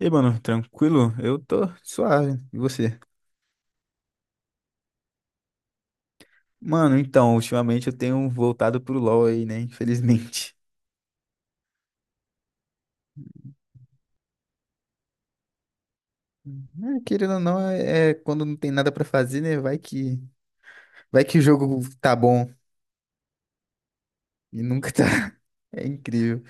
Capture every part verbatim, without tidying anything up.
E aí, mano, tranquilo? Eu tô suave. E você? Mano, então, ultimamente eu tenho voltado pro LoL aí, né? Infelizmente. É, querendo ou não, é, é quando não tem nada pra fazer, né? Vai que, vai que o jogo tá bom e nunca tá. É incrível.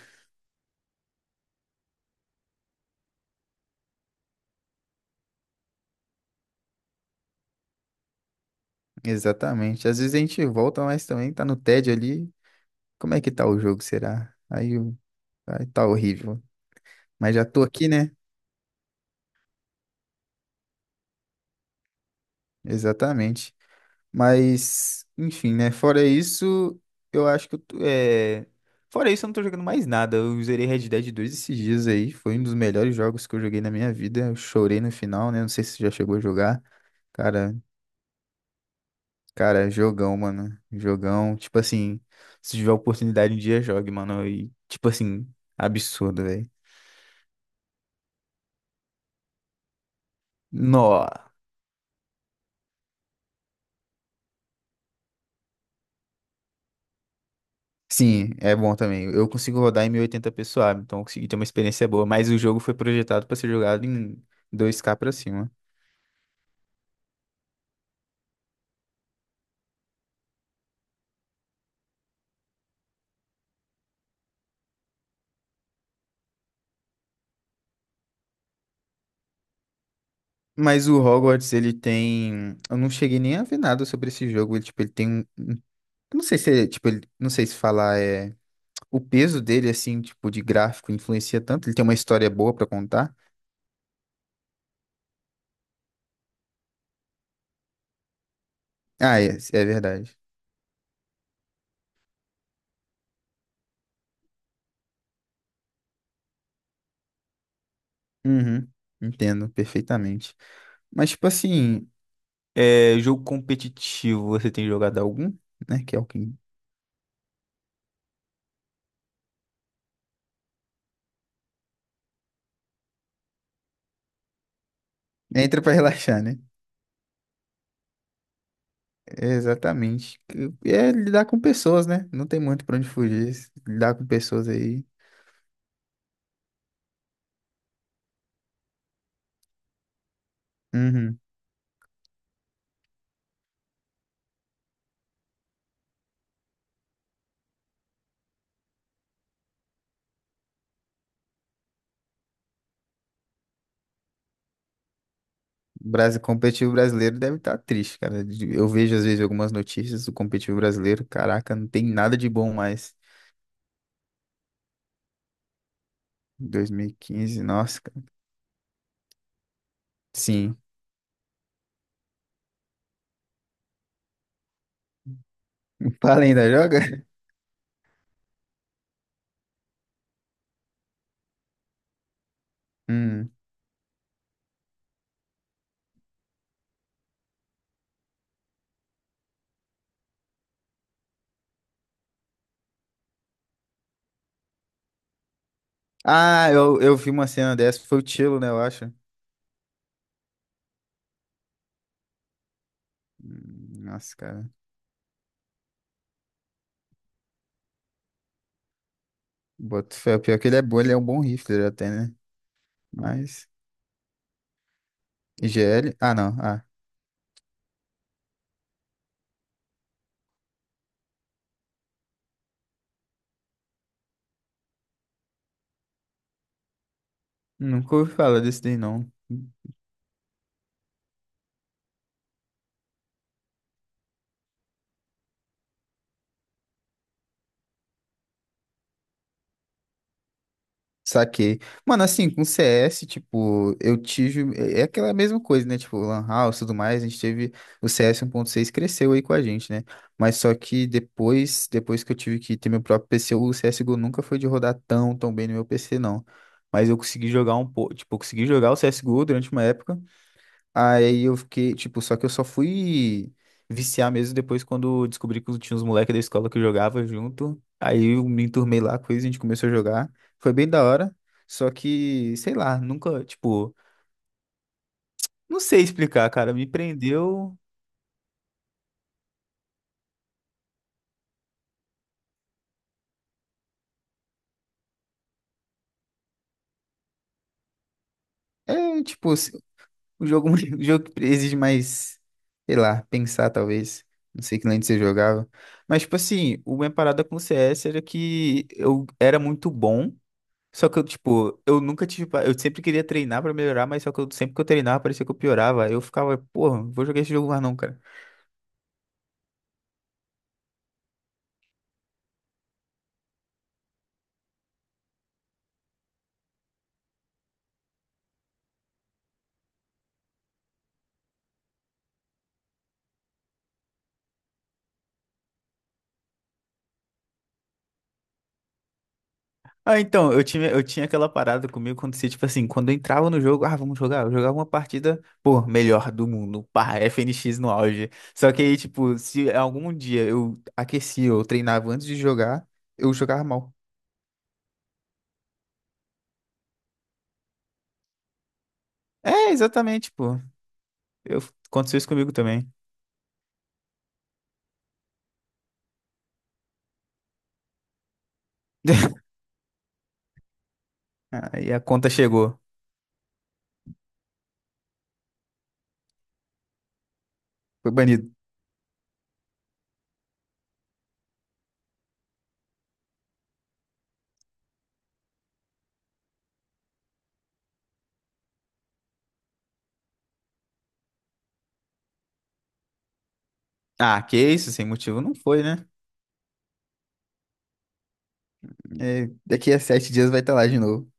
Exatamente. Às vezes a gente volta, mas também tá no tédio ali. Como é que tá o jogo, será? Aí, o- aí tá horrível. Mas já tô aqui, né? Exatamente. Mas, enfim, né? Fora isso, eu acho que eu tô. é... Fora isso, eu não tô jogando mais nada. Eu zerei Red Dead dois esses dias aí. Foi um dos melhores jogos que eu joguei na minha vida. Eu chorei no final, né? Não sei se você já chegou a jogar. Cara, cara, jogão, mano. Jogão. Tipo assim, se tiver oportunidade um dia, jogue, mano. E, tipo assim, absurdo, velho. Nó. Sim, é bom também. Eu consigo rodar em mil e oitenta pê suave, então eu consegui ter uma experiência boa. Mas o jogo foi projetado pra ser jogado em dois k pra cima. Mas o Hogwarts, ele tem. Eu não cheguei nem a ver nada sobre esse jogo. Ele, tipo, ele tem um. Eu não sei se é, tipo, ele... Não sei se falar é. O peso dele, assim, tipo, de gráfico influencia tanto. Ele tem uma história boa pra contar. Ah, é, é verdade. Uhum. Entendo perfeitamente. Mas, tipo assim, é... jogo competitivo, você tem jogado algum, né? Que é o que. Entra pra relaxar, né? Exatamente. É lidar com pessoas, né? Não tem muito pra onde fugir. Lidar com pessoas aí. Uhum. O Brasil, competitivo brasileiro deve estar triste, cara. De- eu vejo às vezes algumas notícias do competitivo brasileiro. Caraca, não tem nada de bom mais. dois mil e quinze, nossa, cara. Sim. O Pala ainda joga? Hum. Ah, eu, eu vi uma cena dessa. Foi o Tilo, né, eu acho. Hum, Nossa, cara. Boto fé. Pior é que ele é bom, ele é um bom rifler até, né? Mas. I G L? Ah, não. Ah. Nunca ouvi falar desse daí, não. Saquei. Mano, assim, com C S, tipo, eu tive. É é aquela mesma coisa, né? Tipo, Lan House e tudo mais, a gente teve. O C S um ponto seis cresceu aí com a gente, né? Mas só que depois, depois que eu tive que ter meu próprio P C, o C S G O nunca foi de rodar tão, tão bem no meu P C, não. Mas eu consegui jogar um pouco. Tipo, eu consegui jogar o C S G O durante uma época. Aí eu fiquei, tipo, só que eu só fui viciar mesmo depois quando descobri que tinha uns moleques da escola que eu jogava junto. Aí eu me enturmei lá, coisa, a gente começou a jogar. Foi bem da hora, só que, sei lá, nunca, tipo, não sei explicar, cara, me prendeu. É, tipo, se- o jogo, o jogo exige mais, sei lá, pensar talvez. Não sei que lane você jogava. Mas, tipo assim, o minha parada com o C S era que eu era muito bom. Só que eu, tipo, eu nunca tive. pa- Eu sempre queria treinar pra melhorar, mas só que eu, sempre que eu treinava, parecia que eu piorava. Eu ficava, porra, não vou jogar esse jogo mais não, cara. Ah, então, eu tinha, eu tinha aquela parada comigo quando se, tipo assim, quando eu entrava no jogo, ah, vamos jogar. Eu jogava uma partida, pô, melhor do mundo, pá, F N X no auge. Só que aí, tipo, se algum dia eu aquecia ou treinava antes de jogar, eu jogava mal. É, exatamente, pô. Eu, Aconteceu isso comigo também. Aí a conta chegou. Foi banido. Ah, que isso, sem motivo não foi, né? É, daqui a sete dias vai estar lá de novo.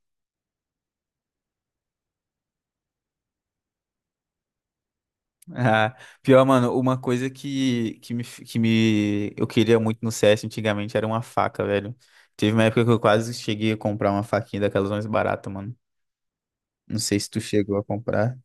Ah, pior, mano, uma coisa que, que me, que me eu queria muito no C S antigamente era uma faca, velho. Teve uma época que eu quase cheguei a comprar uma faquinha daquelas mais baratas, mano. Não sei se tu chegou a comprar.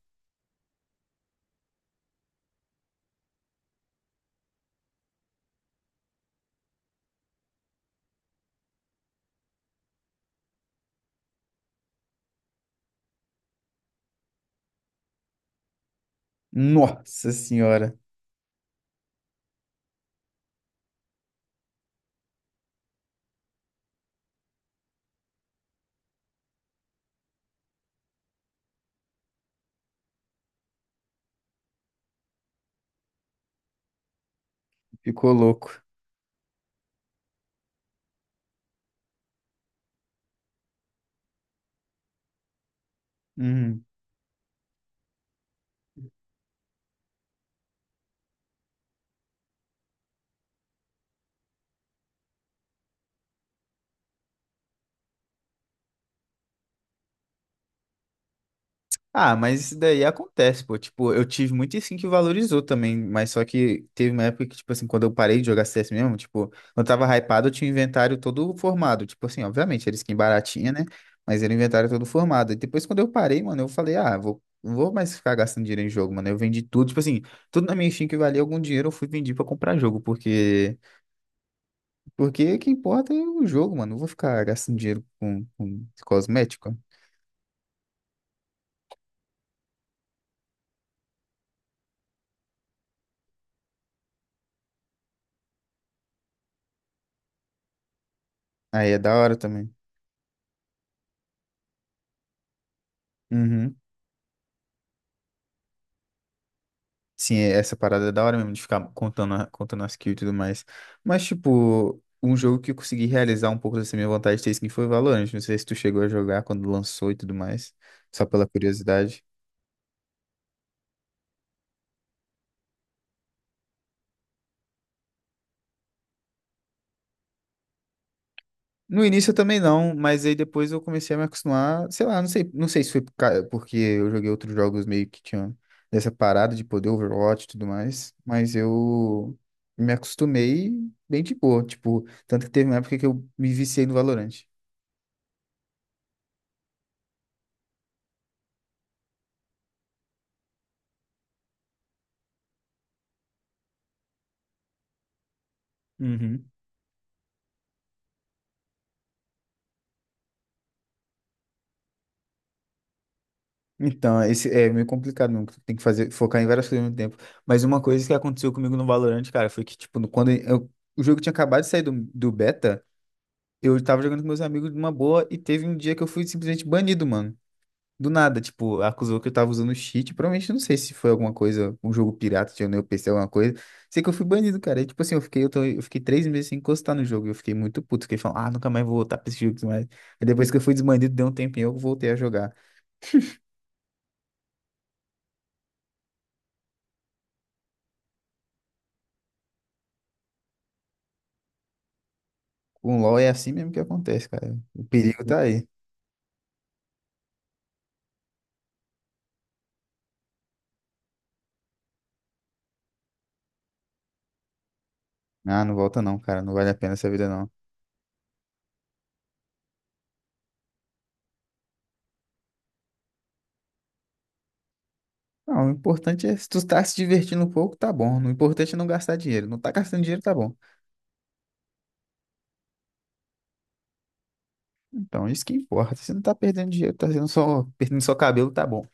Nossa senhora, ficou louco. Uhum. Ah, mas isso daí acontece, pô. Tipo, eu tive muito sim que valorizou também, mas só que teve uma época que, tipo assim, quando eu parei de jogar C S mesmo, tipo, quando eu tava hypado, eu tinha o inventário todo formado. Tipo assim, obviamente, era skin baratinha, né? Mas era o inventário todo formado. E depois, quando eu parei, mano, eu falei, ah, vou, não vou mais ficar gastando dinheiro em jogo, mano. Eu vendi tudo, tipo assim, tudo na minha skin que valia algum dinheiro, eu fui vender pra comprar jogo, porque, porque o que importa é o jogo, mano. Não vou ficar gastando dinheiro com, com cosmético. Aí é da hora também. Uhum. Sim, é- essa parada é da hora mesmo de ficar contando, a- contando as kills e tudo mais. Mas, tipo, um jogo que eu consegui realizar um pouco dessa minha vontade de ter skin foi Valorant. Não sei se tu chegou a jogar quando lançou e tudo mais, só pela curiosidade. No início eu também não, mas aí depois eu comecei a me acostumar, sei lá, não sei, não sei se foi por ca- porque eu joguei outros jogos meio que tinham dessa parada de poder Overwatch e tudo mais, mas eu me acostumei bem de boa, tipo, tanto que teve uma época que eu me viciei no Valorant. Uhum. Então, esse é meio complicado mesmo, porque tem que fazer, focar em várias coisas ao mesmo tempo. Mas uma coisa que aconteceu comigo no Valorant, cara, foi que, tipo, no- quando eu- o jogo tinha acabado de sair do, do beta, eu tava jogando com meus amigos de uma boa e teve um dia que eu fui simplesmente banido, mano. Do nada, tipo, acusou que eu tava usando cheat. Provavelmente, não sei se foi alguma coisa, um jogo pirata, tinha no meu P C, alguma coisa. Sei que eu fui banido, cara. E, tipo assim, eu fiquei, eu tô- eu fiquei três meses sem encostar no jogo. Eu fiquei muito puto, fiquei falando, ah, nunca mais vou voltar pra esse jogo e tudo mais. E depois que eu fui desbanido, deu um tempinho, eu voltei a jogar. Com o LoL é assim mesmo que acontece, cara. O perigo tá aí. Ah, não volta não, cara. Não vale a pena essa vida, não. Não, o importante é se tu tá se divertindo um pouco, tá bom. O importante é não gastar dinheiro. Não tá gastando dinheiro, tá bom. Então, isso que importa. Se não tá perdendo dinheiro, tá sendo só perdendo só cabelo, tá bom.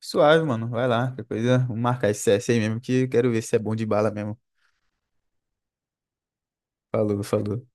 Suave, mano. Vai lá. Qualquer coisa, vamos marcar esse C S aí mesmo, que eu quero ver se é bom de bala mesmo. Falou, falou.